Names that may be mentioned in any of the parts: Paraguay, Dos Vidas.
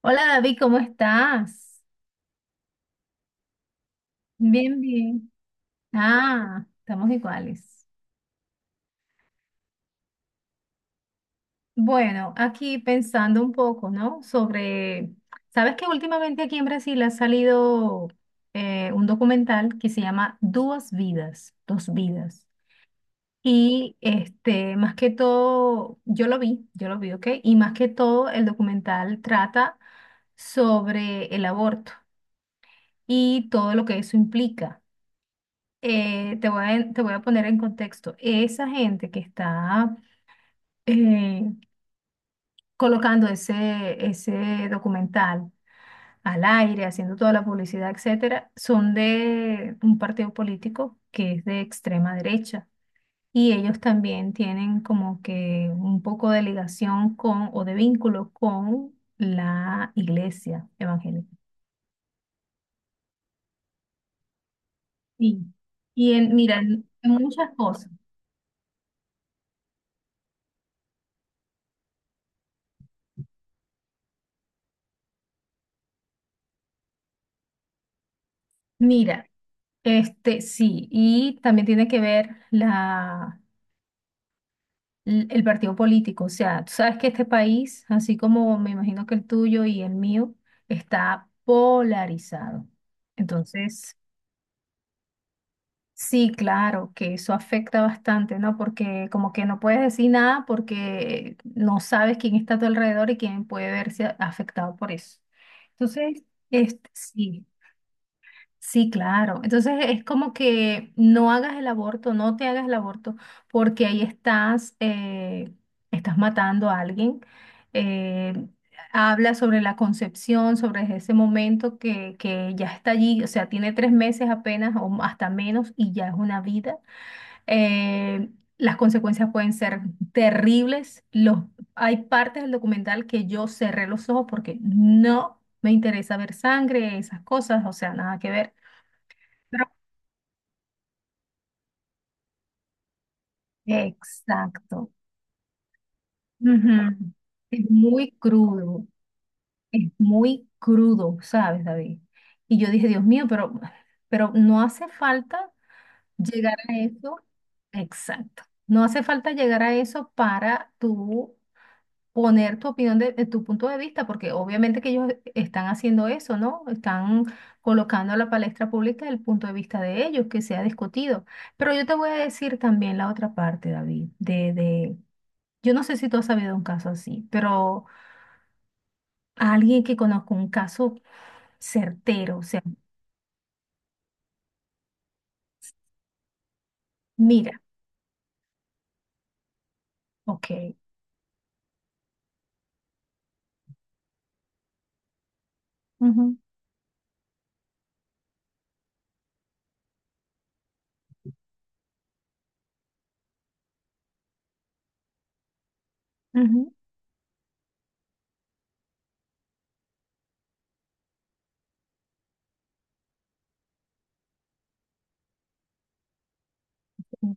Hola David, ¿cómo estás? Bien, bien. Ah, estamos iguales. Bueno, aquí pensando un poco, ¿no? Sobre, sabes que últimamente aquí en Brasil ha salido un documental que se llama Dos Vidas, Dos Vidas. Más que todo, yo lo vi, ¿ok? Y más que todo, el documental trata sobre el aborto y todo lo que eso implica. Te voy a poner en contexto. Esa gente que está eh, colocando ese documental al aire, haciendo toda la publicidad, etcétera, son de un partido político que es de extrema derecha. Y ellos también tienen como que un poco de ligación con o de vínculo con la iglesia evangélica. Sí. Y en, mira, en muchas cosas. Mira, sí, y también tiene que ver el partido político. O sea, tú sabes que este país, así como me imagino que el tuyo y el mío, está polarizado. Entonces, sí, claro, que eso afecta bastante, ¿no? Porque como que no puedes decir nada porque no sabes quién está a tu alrededor y quién puede verse afectado por eso. Entonces, sí. Sí, claro. Entonces es como que no hagas el aborto, no te hagas el aborto, porque ahí estás, estás matando a alguien. Eh, habla sobre la concepción, sobre ese momento que ya está allí, o sea, tiene 3 meses apenas o hasta menos y ya es una vida. Eh, las consecuencias pueden ser terribles. Los, hay partes del documental que yo cerré los ojos porque no me interesa ver sangre, esas cosas, o sea, nada que ver. Exacto. Ujú. Es muy crudo, es muy crudo, ¿sabes, David? Y yo dije, Dios mío, pero no hace falta llegar a eso. Exacto. No hace falta llegar a eso para tú poner tu opinión de tu punto de vista, porque obviamente que ellos están haciendo eso, ¿no? Están colocando a la palestra pública el punto de vista de ellos, que se ha discutido. Pero yo te voy a decir también la otra parte, David, de Yo no sé si tú has sabido un caso así, pero a alguien que conozco un caso certero, o sea, mira, ok, ujú, ujú, ujú.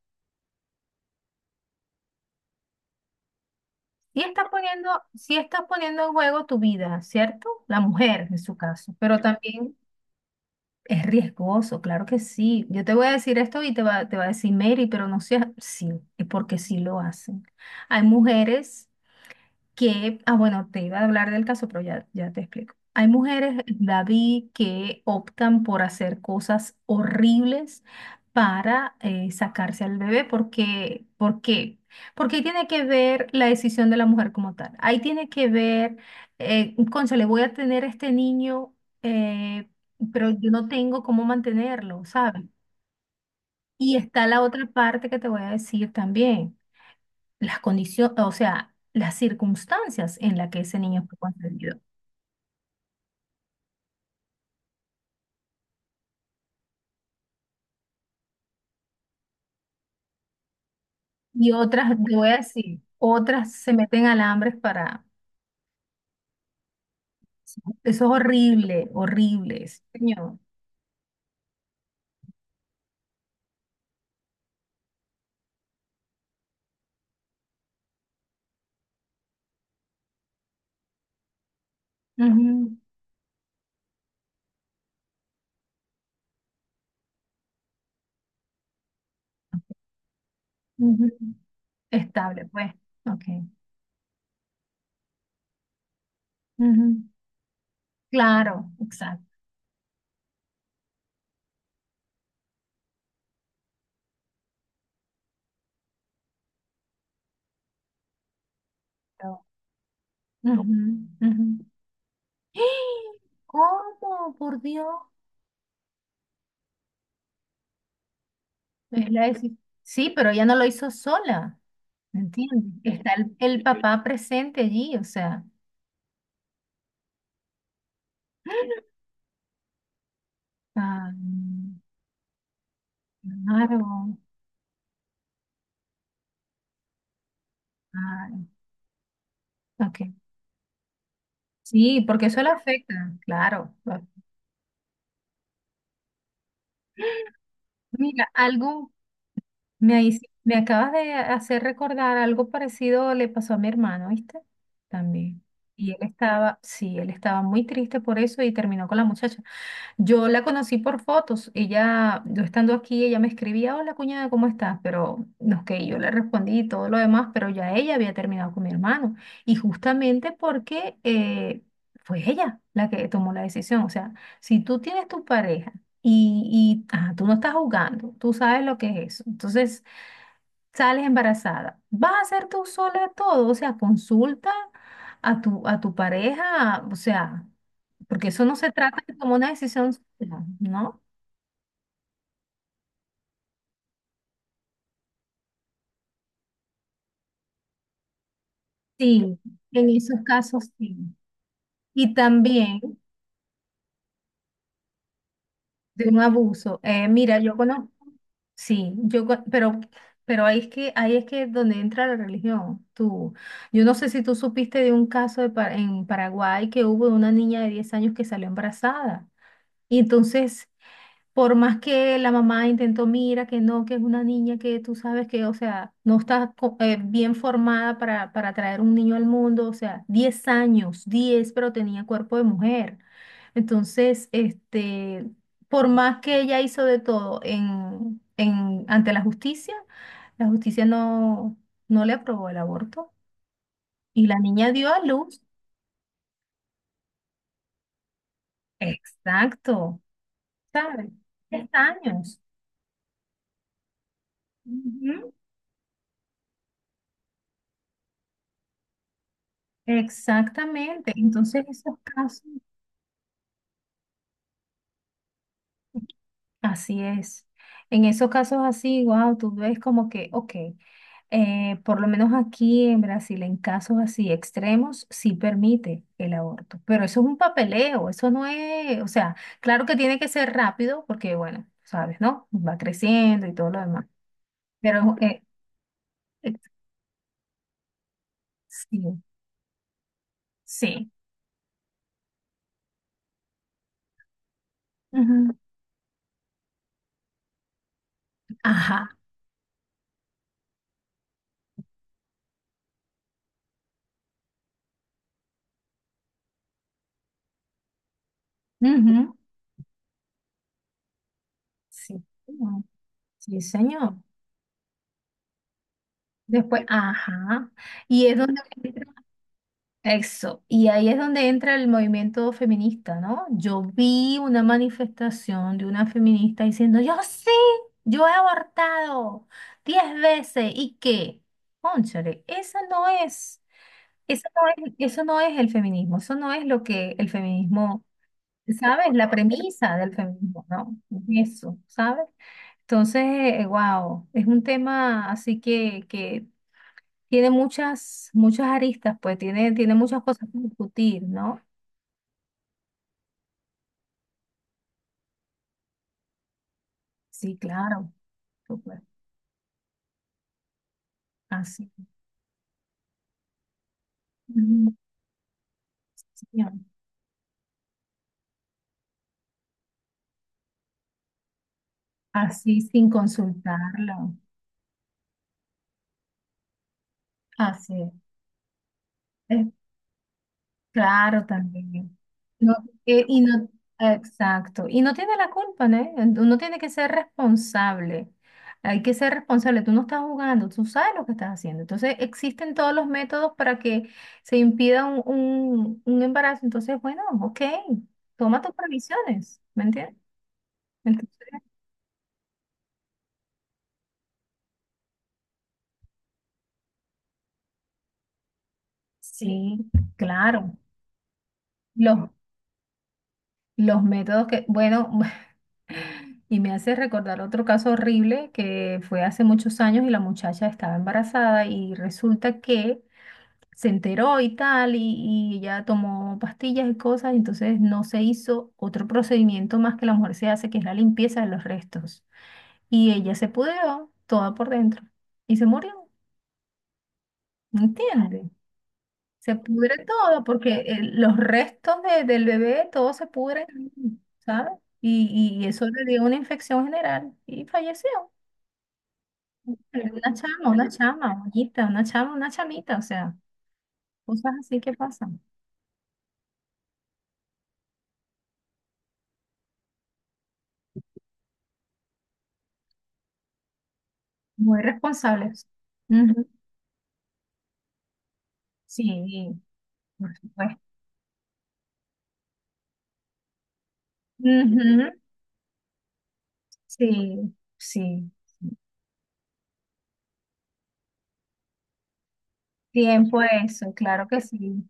Sí estás poniendo en juego tu vida, ¿cierto? La mujer en su caso, pero también es riesgoso, claro que sí. Yo te voy a decir esto y te va a decir Mary, pero no seas, sí, es porque sí lo hacen. Hay mujeres que, ah, bueno, te iba a hablar del caso, pero ya, ya te explico. Hay mujeres, David, que optan por hacer cosas horribles para sacarse al bebé. Porque ¿Por qué? Porque ahí tiene que ver la decisión de la mujer como tal. Ahí tiene que ver, cónchale, voy a tener este niño, eh, pero yo no tengo cómo mantenerlo, ¿sabes? Y está la otra parte que te voy a decir también las condiciones, o sea, las circunstancias en las que ese niño fue concebido. Y otras, te voy a decir, otras se meten alambres para... Eso es horrible, horrible, sí, señor. Ujú, ujú. Estable, pues. Ok. Ujú. Claro, exacto. Ujú, ujú. ¡Ah! ¿Cómo? Por Dios. Es la deci- Sí, pero ella no lo hizo sola, ¿entiendes? Está el papá presente allí, o sea. Ah, claro. Ah, ok. Sí, porque eso le afecta, claro. Mira, algo me acabas de hacer recordar, algo parecido le pasó a mi hermano, ¿viste? También. Y él estaba, sí, él estaba muy triste por eso y terminó con la muchacha. Yo la conocí por fotos. Ella, yo estando aquí, ella me escribía, hola cuñada, ¿cómo estás? Pero no que yo le respondí y todo lo demás, pero ya ella había terminado con mi hermano. Y justamente porque fue ella la que tomó la decisión. O sea, si tú tienes tu pareja y ajá, tú no estás jugando, tú sabes lo que es eso. Entonces sales embarazada. ¿Vas a hacer tú sola todo? O sea, consulta a tu pareja, o sea porque eso no se trata de como una decisión sola, ¿no? Sí, en esos casos sí. Y también de un abuso. Mira, yo conozco, sí, pero ahí es que donde entra la religión. Tú, yo no sé si tú supiste de un caso de en Paraguay que hubo una niña de 10 años que salió embarazada. Y entonces Por más que la mamá intentó, mira, que no, que es una niña que tú sabes que, o sea, no está bien formada para traer un niño al mundo, o sea, 10 años, 10 pero tenía cuerpo de mujer. Entonces, por más que ella hizo de todo en, ante la justicia no, no le aprobó el aborto y la niña dio a luz, exacto, ¿sabes? 10 años. Ujú. Exactamente. Entonces, esos casos, así es. En esos casos así, wow, tú ves como que, ok, por lo menos aquí en Brasil, en casos así extremos, sí permite el aborto. Pero eso es un papeleo, eso no es, o sea, claro que tiene que ser rápido porque, bueno, sabes, ¿no? Va creciendo y todo lo demás. Pero eh, sí, sí. Ujú. Ajá. ujú, Sí. señor. Sí, señor. Después, ajá. Y es donde entra- eso. Y ahí es donde entra el movimiento feminista, ¿no? Yo vi una manifestación de una feminista diciendo, yo sí, yo he abortado 10 veces. ¿Y qué? Cónchale, esa no es, eso no es, eso no es el feminismo, eso no es lo que el feminismo, ¿sabes? La premisa del feminismo, ¿no? Eso, ¿sabes? Entonces, wow, es un tema así que tiene muchas, muchas aristas, pues tiene, tiene muchas cosas que discutir, ¿no? Sí, claro, súper. Así, ujú, sí, señor. Así sin consultarlo. Así es. Claro, también. No, y no, exacto. Y no tiene la culpa, ¿no? Uno tiene que ser responsable. Hay que ser responsable. Tú no estás jugando, tú sabes lo que estás haciendo. Entonces, existen todos los métodos para que se impida un embarazo. Entonces, bueno, ok, toma tus previsiones, ¿me entiendes? Entonces, sí, claro. Los, los métodos que, bueno, Y me hace recordar otro caso horrible que fue hace muchos años y la muchacha estaba embarazada y resulta que se enteró y tal y ella tomó pastillas y cosas, entonces no se hizo otro procedimiento más que la mujer se hace, que es la limpieza de los restos. Y ella se pudrió toda por dentro y se murió, ¿me entiende? Se pudre todo porque los restos del bebé, todo se pudre, ¿sabes? Y eso le dio una infección general y falleció. Pero una chama, bonita, una chama, una chamita, o sea, cosas así que pasan. Muy responsables. Ujú, Sí, por supuesto. Ujú, Sí, sí. sí. Tiempo eso, claro que sí.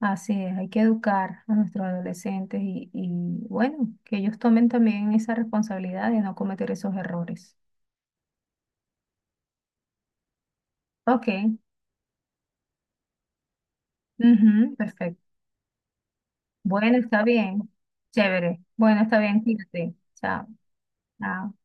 Así es, hay que educar a nuestros adolescentes y bueno, que ellos tomen también esa responsabilidad de no cometer esos errores. Ok, ujú, perfecto. Bueno, está bien. Chévere. Bueno, está bien, cuídate. Chao. Chao.